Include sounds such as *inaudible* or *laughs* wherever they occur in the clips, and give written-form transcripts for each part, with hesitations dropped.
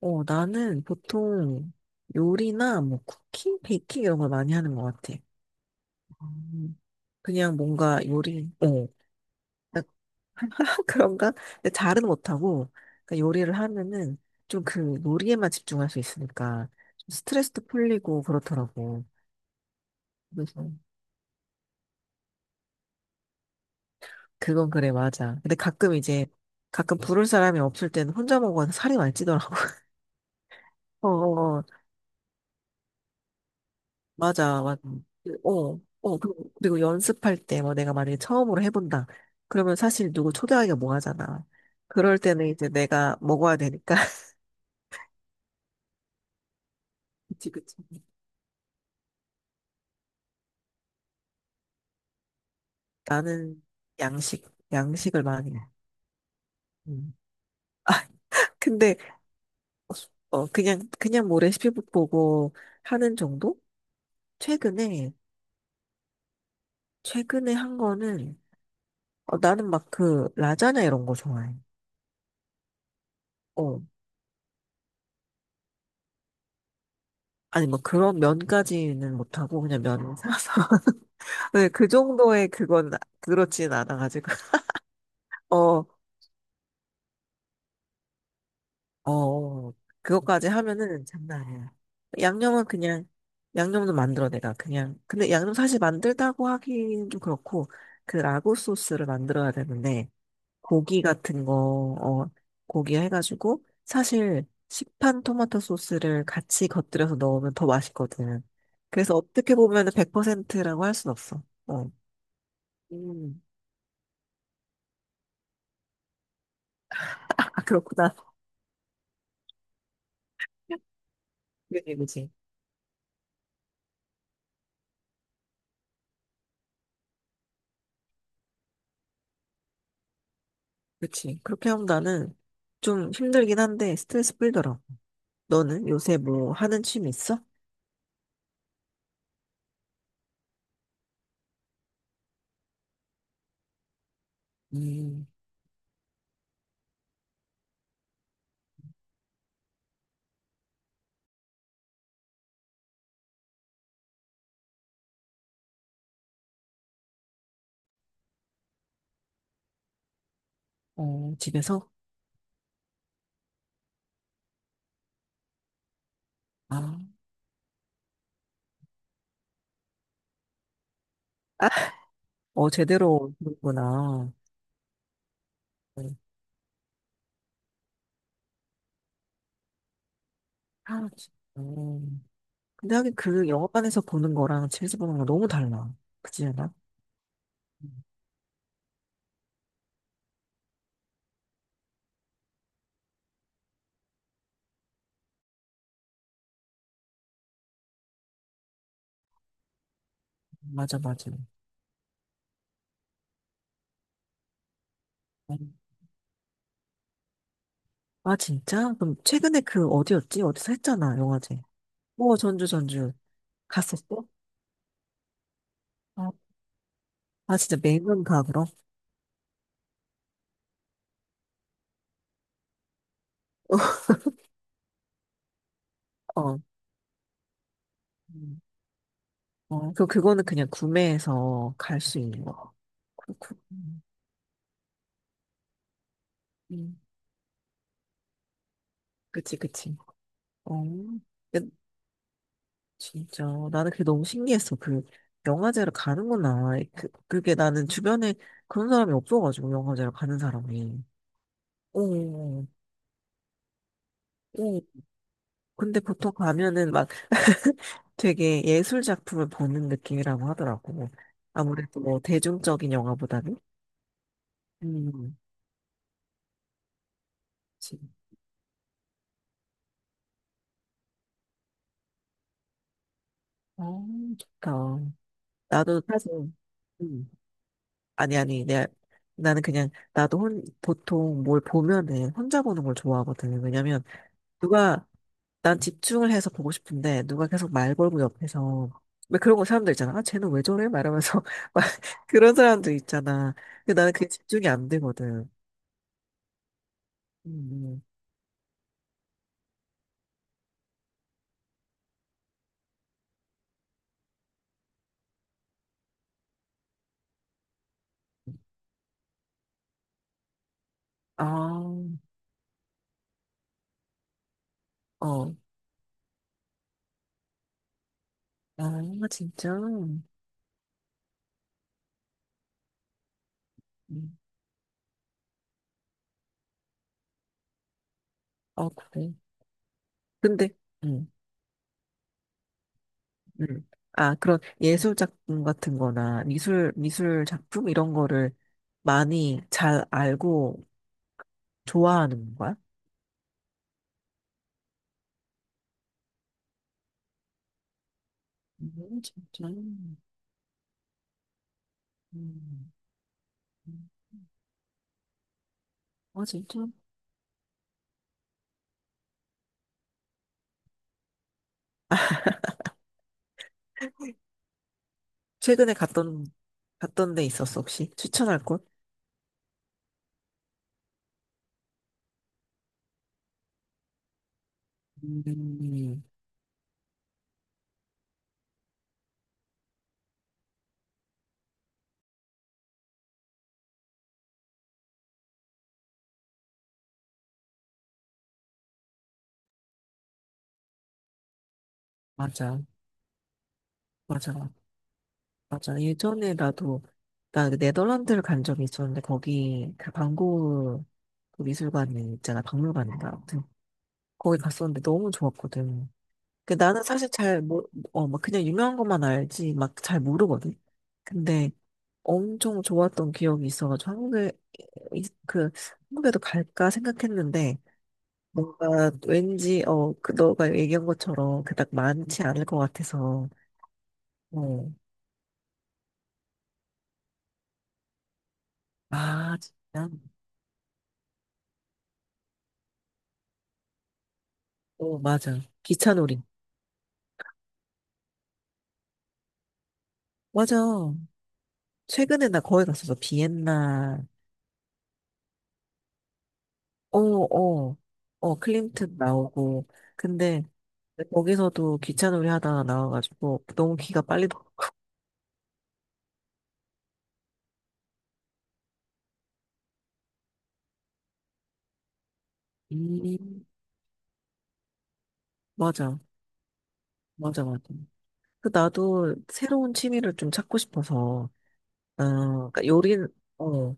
나는 보통 요리나 뭐 쿠킹, 베이킹 이런 걸 많이 하는 것 같아. 음. 그냥 뭔가 요리, *laughs* 그런가? 근데 잘은 못하고, 그러니까 요리를 하면은 좀 그 요리에만 집중할 수 있으니까 좀 스트레스도 풀리고 그렇더라고. 그래서 그건 그래, 맞아. 근데 가끔 이제, 가끔 부를 사람이 없을 때는 혼자 먹어서 살이 많이 찌더라고. *laughs* 어, 어, 맞아, 맞아. 그리고 연습할 때, 뭐 내가 만약에 처음으로 해본다. 그러면 사실 누구 초대하기가 뭐 하잖아. 그럴 때는 이제 내가 먹어야 되니까. *laughs* 그치, 그치. 나는 양식, 양식을 많이 해. 음. 아, *laughs* 근데, 그냥 뭐 레시피 북 보고 하는 정도? 최근에, 최근에 한 거는, 나는 막 그, 라자냐 이런 거 좋아해. 어, 아니 뭐 그런 면까지는 못하고, 그냥 면 사서. 근데 그 정도의 그건 그렇진 않아가지고. *laughs* 어, 어, 그것까지 하면은 장난 아니야. 양념은 그냥, 양념도 만들어, 내가. 그냥. 근데 양념 사실 만들다고 하기는 좀 그렇고, 그 라구 소스를 만들어야 되는데, 고기 같은 거, 어, 고기 해가지고, 사실 시판 토마토 소스를 같이 곁들여서 넣으면 더 맛있거든. 그래서 어떻게 보면은 100%라고 할 순 없어. 어. 음. 아, 그렇구나. *laughs* 그지, 그지. 그치. 그렇게 하면 나는 좀 힘들긴 한데 스트레스 풀더라. 너는 요새 뭐 하는 취미 있어? 음, 집에서? 아, 제대로 보는구나. 음, 아, 진짜, 근데 하긴 그 영화관에서 보는 거랑 집에서 보는 거 너무 달라. 그지 않아? 음, 맞아, 맞아. 음. 아, 진짜? 그럼 최근에 그 어디였지? 어디서 했잖아, 영화제. 전주, 전주. 갔었어? 어. 아, 진짜 매년 가, 그럼? 어. 그거는 그냥 구매해서 갈 수 있는 거. 그렇군. 음. 그치, 그치. 어, 근데 진짜. 나는 그게 너무 신기했어. 그, 영화제를 가는구나. 그게 나는 주변에 그런 사람이 없어가지고, 영화제를 가는 사람이. 오, 오. 근데 보통 가면은 막 *laughs* 되게 예술 작품을 보는 느낌이라고 하더라고. 아무래도 뭐 대중적인 영화보다는. 음, 그치. 어, 좋다. 나도 사실, 음. 아니, 아니, 나는 그냥, 보통 뭘 보면은 혼자 보는 걸 좋아하거든. 왜냐면, 누가, 난 집중을 해서 보고 싶은데, 누가 계속 말 걸고 옆에서, 왜 그런 거 사람들 있잖아. 아, 쟤는 왜 저래? 말하면서, *laughs* 막, 그런 사람들 있잖아. 근데 나는 그게 집중이 안 되거든. 음, 아, 어, 아, 진짜. 음, 그래. 근데, 음. 음. 아, 그런 예술 작품 같은 거나 미술 작품 이런 거를 많이 잘 알고 좋아하는 거야? 진짜. 음. 음. 아, 진짜. *laughs* 최근에 갔던 데 있었어, 혹시? 추천할 곳? 음, 맞아. 맞아. 맞아. 예전에 나 그 네덜란드를 간 적이 있었는데, 거기, 그 반고그 미술관이 있잖아. 박물관인가. 아무튼, 거기 갔었는데 너무 좋았거든. 그 나는 사실 잘 뭐, 막 그냥 유명한 것만 알지 막 잘 모르거든. 근데 엄청 좋았던 기억이 있어가지고 한국에 그 한국에도 갈까 생각했는데 뭔가 왠지 그 너가 얘기한 것처럼 그닥 많지 않을 것 같아서. 어, 아, 진짜? 어, 맞아, 기차놀이. 맞아. 최근에 나 거기 갔었어, 비엔나. 어어어 클림트 나오고, 근데 근데 거기서도 기차놀이 하다가 나와가지고 너무 기가 빨리 돌아. 음. 맞아, 맞아, 맞아. 그 나도 새로운 취미를 좀 찾고 싶어서, 그러니까 어,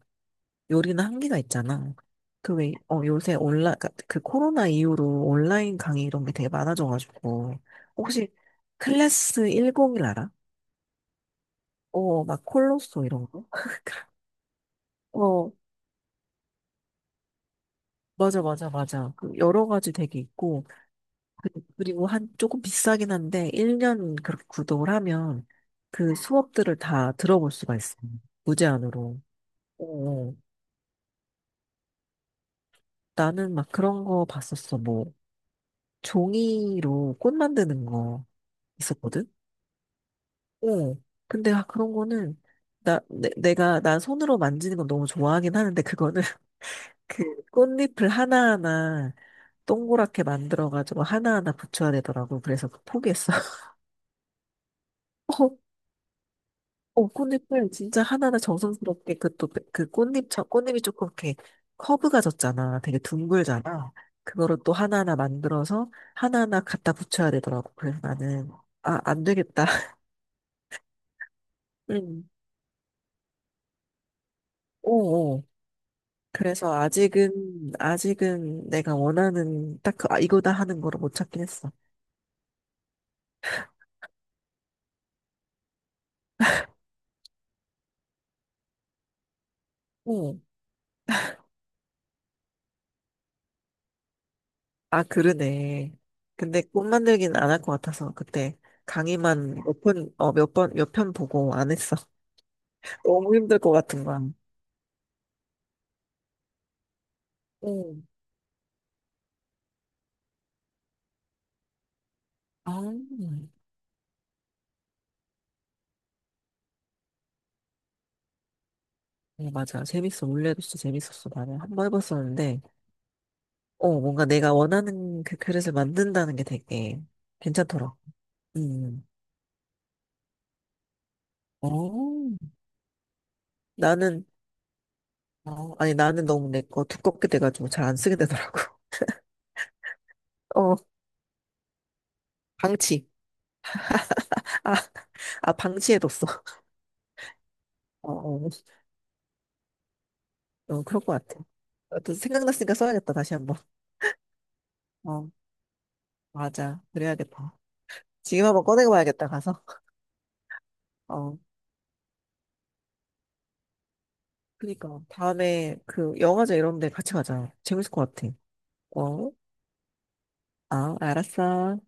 요리는 한계가 있잖아. 그 왜, 요새 그러니까 그 코로나 이후로 온라인 강의 이런 게 되게 많아져가지고, 혹시 클래스 101 알아? 막 콜로소 이런 거? *laughs* 어, 맞아, 맞아, 맞아. 그 여러 가지 되게 있고, 그리고 한 조금 비싸긴 한데 1년 그렇게 구독을 하면 그 수업들을 다 들어볼 수가 있어요. 무제한으로. 어, 나는 막 그런 거 봤었어. 뭐 종이로 꽃 만드는 거 있었거든. 어. 근데 아, 그런 거는 나 내, 내가 난 손으로 만지는 건 너무 좋아하긴 하는데 그거는 *laughs* 그 꽃잎을 하나하나 동그랗게 만들어가지고 하나하나 붙여야 되더라고. 그래서 포기했어. *laughs* 꽃잎을 진짜 하나하나 정성스럽게 그 또 그 꽃잎 저 꽃잎이 조금 이렇게 커브가 졌잖아. 되게 둥글잖아. 그거를 또 하나하나 만들어서 하나하나 갖다 붙여야 되더라고. 그래서 나는 아, 안 되겠다. *laughs* 응. 오, 오. 그래서 아직은 내가 원하는 딱 그, 아, 이거다 하는 거를 못 찾긴 했어. 오. 아, 그러네. 근데 꽃 만들기는 안 할 것 같아서 그때 강의만 몇 편, 몇 번, 몇 편 보고 안 했어. *laughs* 너무 힘들 것 같은 거야. 오. 아, 네, 맞아. 재밌어. 원래도 진짜 재밌었어. 나는 한 번 해봤었는데, 뭔가 내가 원하는 그 그릇을 만든다는 게 되게 괜찮더라. 음. 어, 나는, 아니, 나는 너무 내 거 두껍게 돼가지고 잘 안 쓰게 되더라고. *laughs* 어, 방치. 아, 아, 방치해뒀어. 어, 어, 어, 그럴 것 같아. 어, 또 생각났으니까 써야겠다. 다시 한 번. 어, 맞아. 그래야겠다. 지금 한 번 꺼내봐야겠다, 가서. 어. 그니까 다음에 그 영화제 이런 데 같이 가자. 재밌을 것 같아. 어? 아, 알았어.